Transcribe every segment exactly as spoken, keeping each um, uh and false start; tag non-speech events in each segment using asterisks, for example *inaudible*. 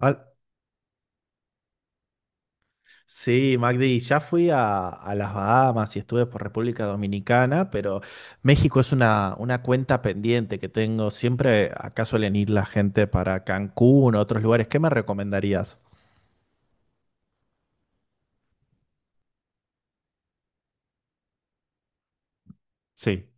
Al- Sí, Magdi, ya fui a, a las Bahamas y estuve por República Dominicana, pero México es una, una cuenta pendiente que tengo. Siempre acá suelen ir la gente para Cancún o otros lugares. ¿Qué me recomendarías? Sí.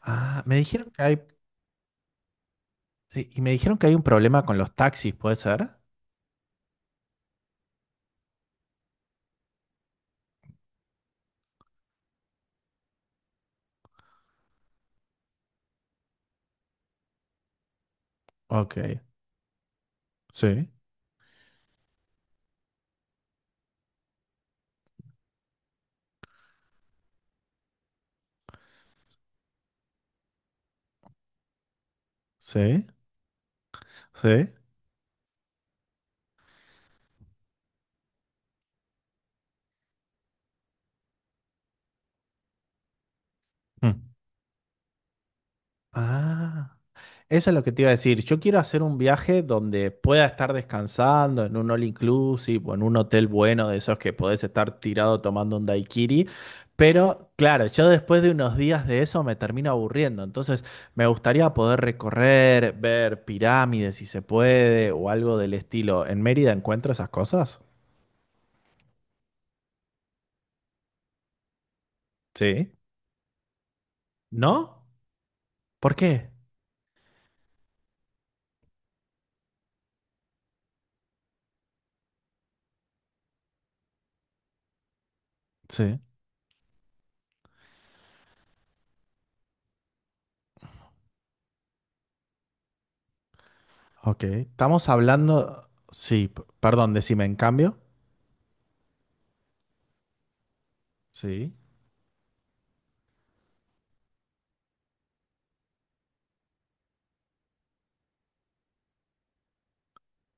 Ah, me dijeron que hay, sí, y me dijeron que hay un problema con los taxis, ¿puede ser? Ok, sí, sí, sí. Mm. Ah, eso es lo que te iba a decir. Yo quiero hacer un viaje donde pueda estar descansando en un all inclusive o en un hotel bueno de esos que podés estar tirado tomando un daiquiri. Pero claro, yo después de unos días de eso me termino aburriendo. Entonces me gustaría poder recorrer, ver pirámides si se puede o algo del estilo. ¿En Mérida encuentro esas cosas? Sí. ¿No? ¿Por qué? Sí. Ok. Estamos hablando... Sí, p- perdón, decime en cambio. Sí.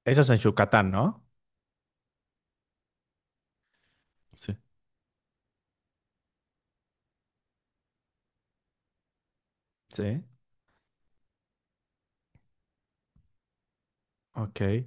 Eso es en Yucatán, ¿no? Sí. Sí, ok.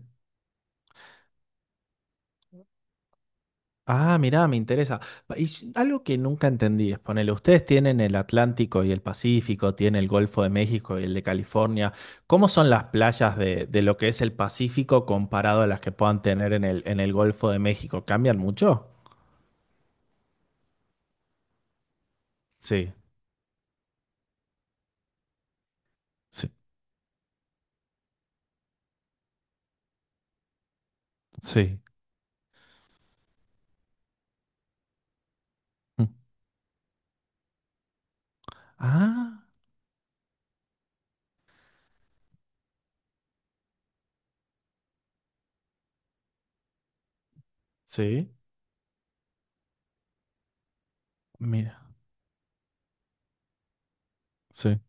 Ah, mirá, me interesa. Pa- Y s- algo que nunca entendí es, ponele, ustedes tienen el Atlántico y el Pacífico, tienen el Golfo de México y el de California. ¿Cómo son las playas de, de lo que es el Pacífico comparado a las que puedan tener en el, en el Golfo de México? ¿Cambian mucho? Sí. Sí, sí, mm, ah, sí. Mira. Sí.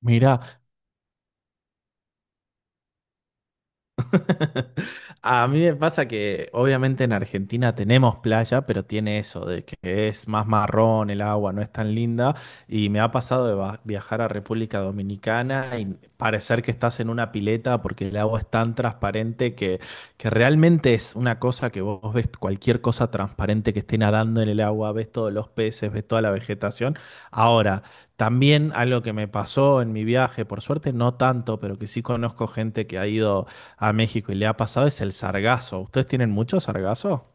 Mira. *laughs* A mí me pasa que obviamente en Argentina tenemos playa, pero tiene eso de que es más marrón el agua, no es tan linda. Y me ha pasado de va- viajar a República Dominicana y parecer que estás en una pileta porque el agua es tan transparente que, que realmente es una cosa que vos ves cualquier cosa transparente que esté nadando en el agua, ves todos los peces, ves toda la vegetación. Ahora, también algo que me pasó en mi viaje, por suerte no tanto, pero que sí conozco gente que ha ido a México y le ha pasado es el sargazo. ¿Ustedes tienen mucho sargazo?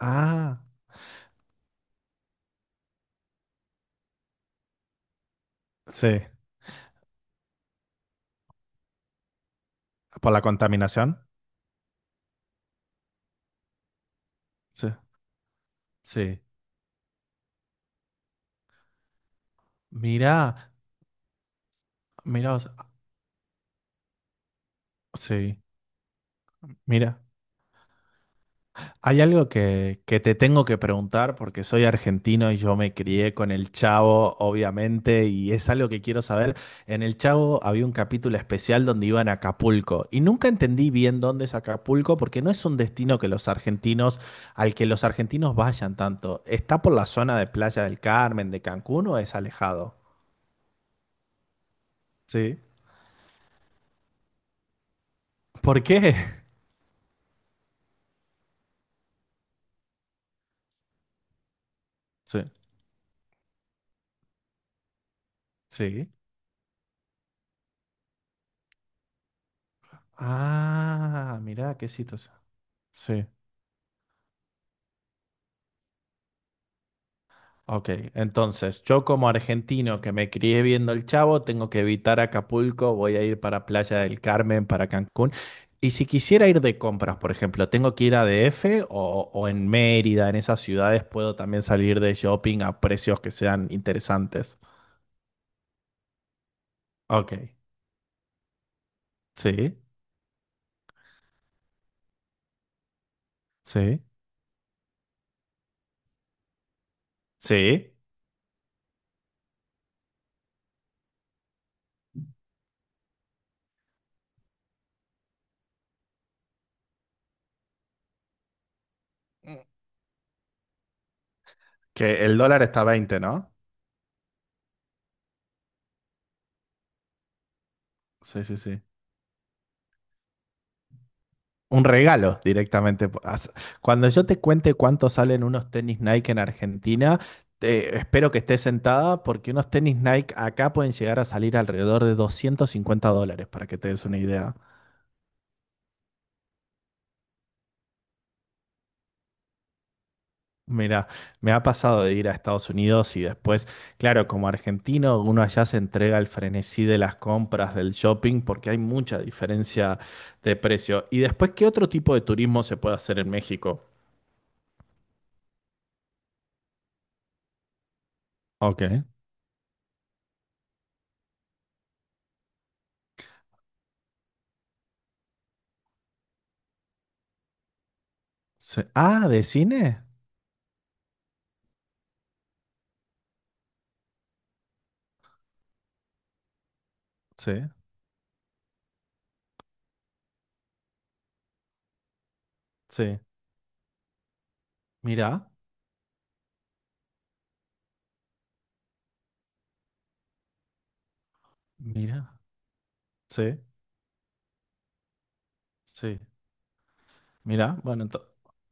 Ah, sí. ¿Por la contaminación? Sí. Sí. Mirá, mirá, o sea, sí, mira. Hay algo que, que te tengo que preguntar porque soy argentino y yo me crié con el Chavo, obviamente, y es algo que quiero saber. En el Chavo había un capítulo especial donde iban a Acapulco y nunca entendí bien dónde es Acapulco porque no es un destino que los argentinos, al que los argentinos vayan tanto. ¿Está por la zona de Playa del Carmen, de Cancún o es alejado? Sí. ¿Por qué? *laughs* Sí. Sí. Ah, mirá, qué situación. Ok, entonces yo como argentino que me crié viendo El Chavo, tengo que evitar Acapulco, voy a ir para Playa del Carmen, para Cancún. Y si quisiera ir de compras, por ejemplo, ¿tengo que ir a D F o, o en Mérida, en esas ciudades puedo también salir de shopping a precios que sean interesantes? Ok, sí, sí, sí. Que el dólar está a veinte, ¿no? Sí, sí, sí. Un regalo directamente. As- Cuando yo te cuente cuánto salen unos tenis Nike en Argentina, te- espero que estés sentada porque unos tenis Nike acá pueden llegar a salir alrededor de doscientos cincuenta dólares, para que te des una idea. Mira, me ha pasado de ir a Estados Unidos y después, claro, como argentino, uno allá se entrega al frenesí de las compras, del shopping, porque hay mucha diferencia de precio. Y después, ¿qué otro tipo de turismo se puede hacer en México? Ok. Sí. Ah, ¿de cine? Sí. Sí. Mira, mira, sí, sí, mira, bueno, ento-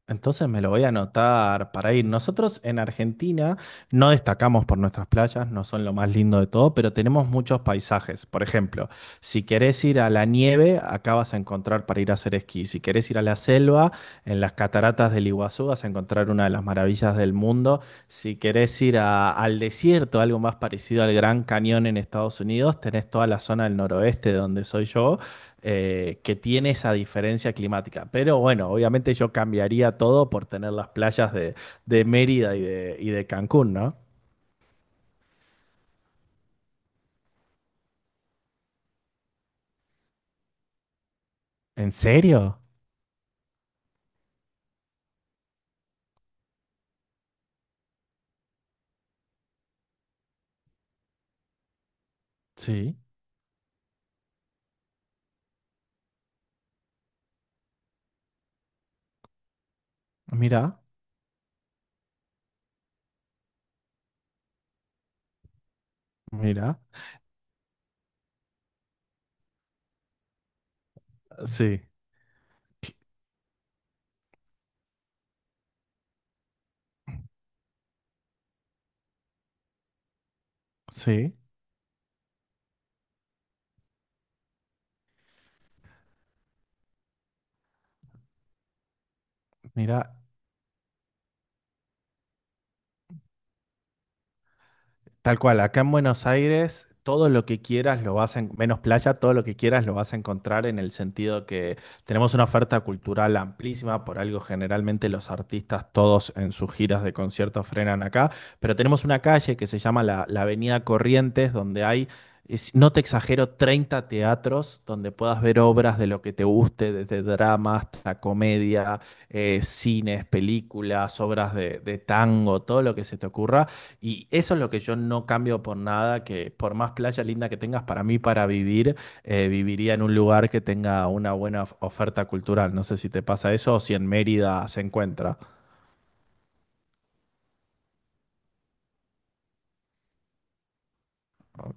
entonces me lo voy a anotar para ir. Nosotros en Argentina no destacamos por nuestras playas, no son lo más lindo de todo, pero tenemos muchos paisajes. Por ejemplo, si querés ir a la nieve, acá vas a encontrar para ir a hacer esquí. Si querés ir a la selva, en las cataratas del Iguazú vas a encontrar una de las maravillas del mundo. Si querés ir a- al desierto, algo más parecido al Gran Cañón en Estados Unidos, tenés toda la zona del noroeste de donde soy yo, eh, que tiene esa diferencia climática. Pero bueno, obviamente yo cambiaría todo por tener las playas de, de Mérida y de, y de Cancún, ¿no? ¿En serio? Sí. Mira, mira. Sí, sí. Mira, tal cual, acá en Buenos Aires, todo lo que quieras lo vas a, en- menos playa, todo lo que quieras lo vas a encontrar en el sentido que tenemos una oferta cultural amplísima, por algo generalmente los artistas todos en sus giras de conciertos frenan acá, pero tenemos una calle que se llama la, la Avenida Corrientes, donde hay, es- no te exagero, treinta teatros donde puedas ver obras de lo que te guste, desde drama hasta comedia, eh, cines, películas, obras de de tango, todo lo que se te ocurra. Y eso es lo que yo no cambio por nada, que por más playa linda que tengas, para mí, para vivir, eh, viviría en un lugar que tenga una buena of- oferta cultural. No sé si te pasa eso o si en Mérida se encuentra. Oh,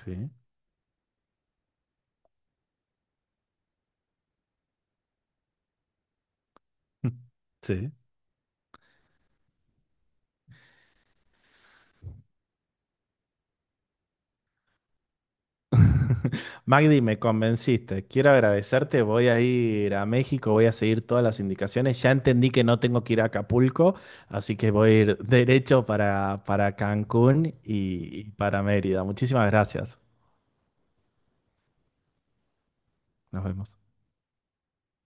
sí. *laughs* Sí. Magdi, me convenciste. Quiero agradecerte. Voy a ir a México, voy a seguir todas las indicaciones. Ya entendí que no tengo que ir a Acapulco, así que voy a ir derecho para, para Cancún y y para Mérida. Muchísimas gracias. Nos vemos.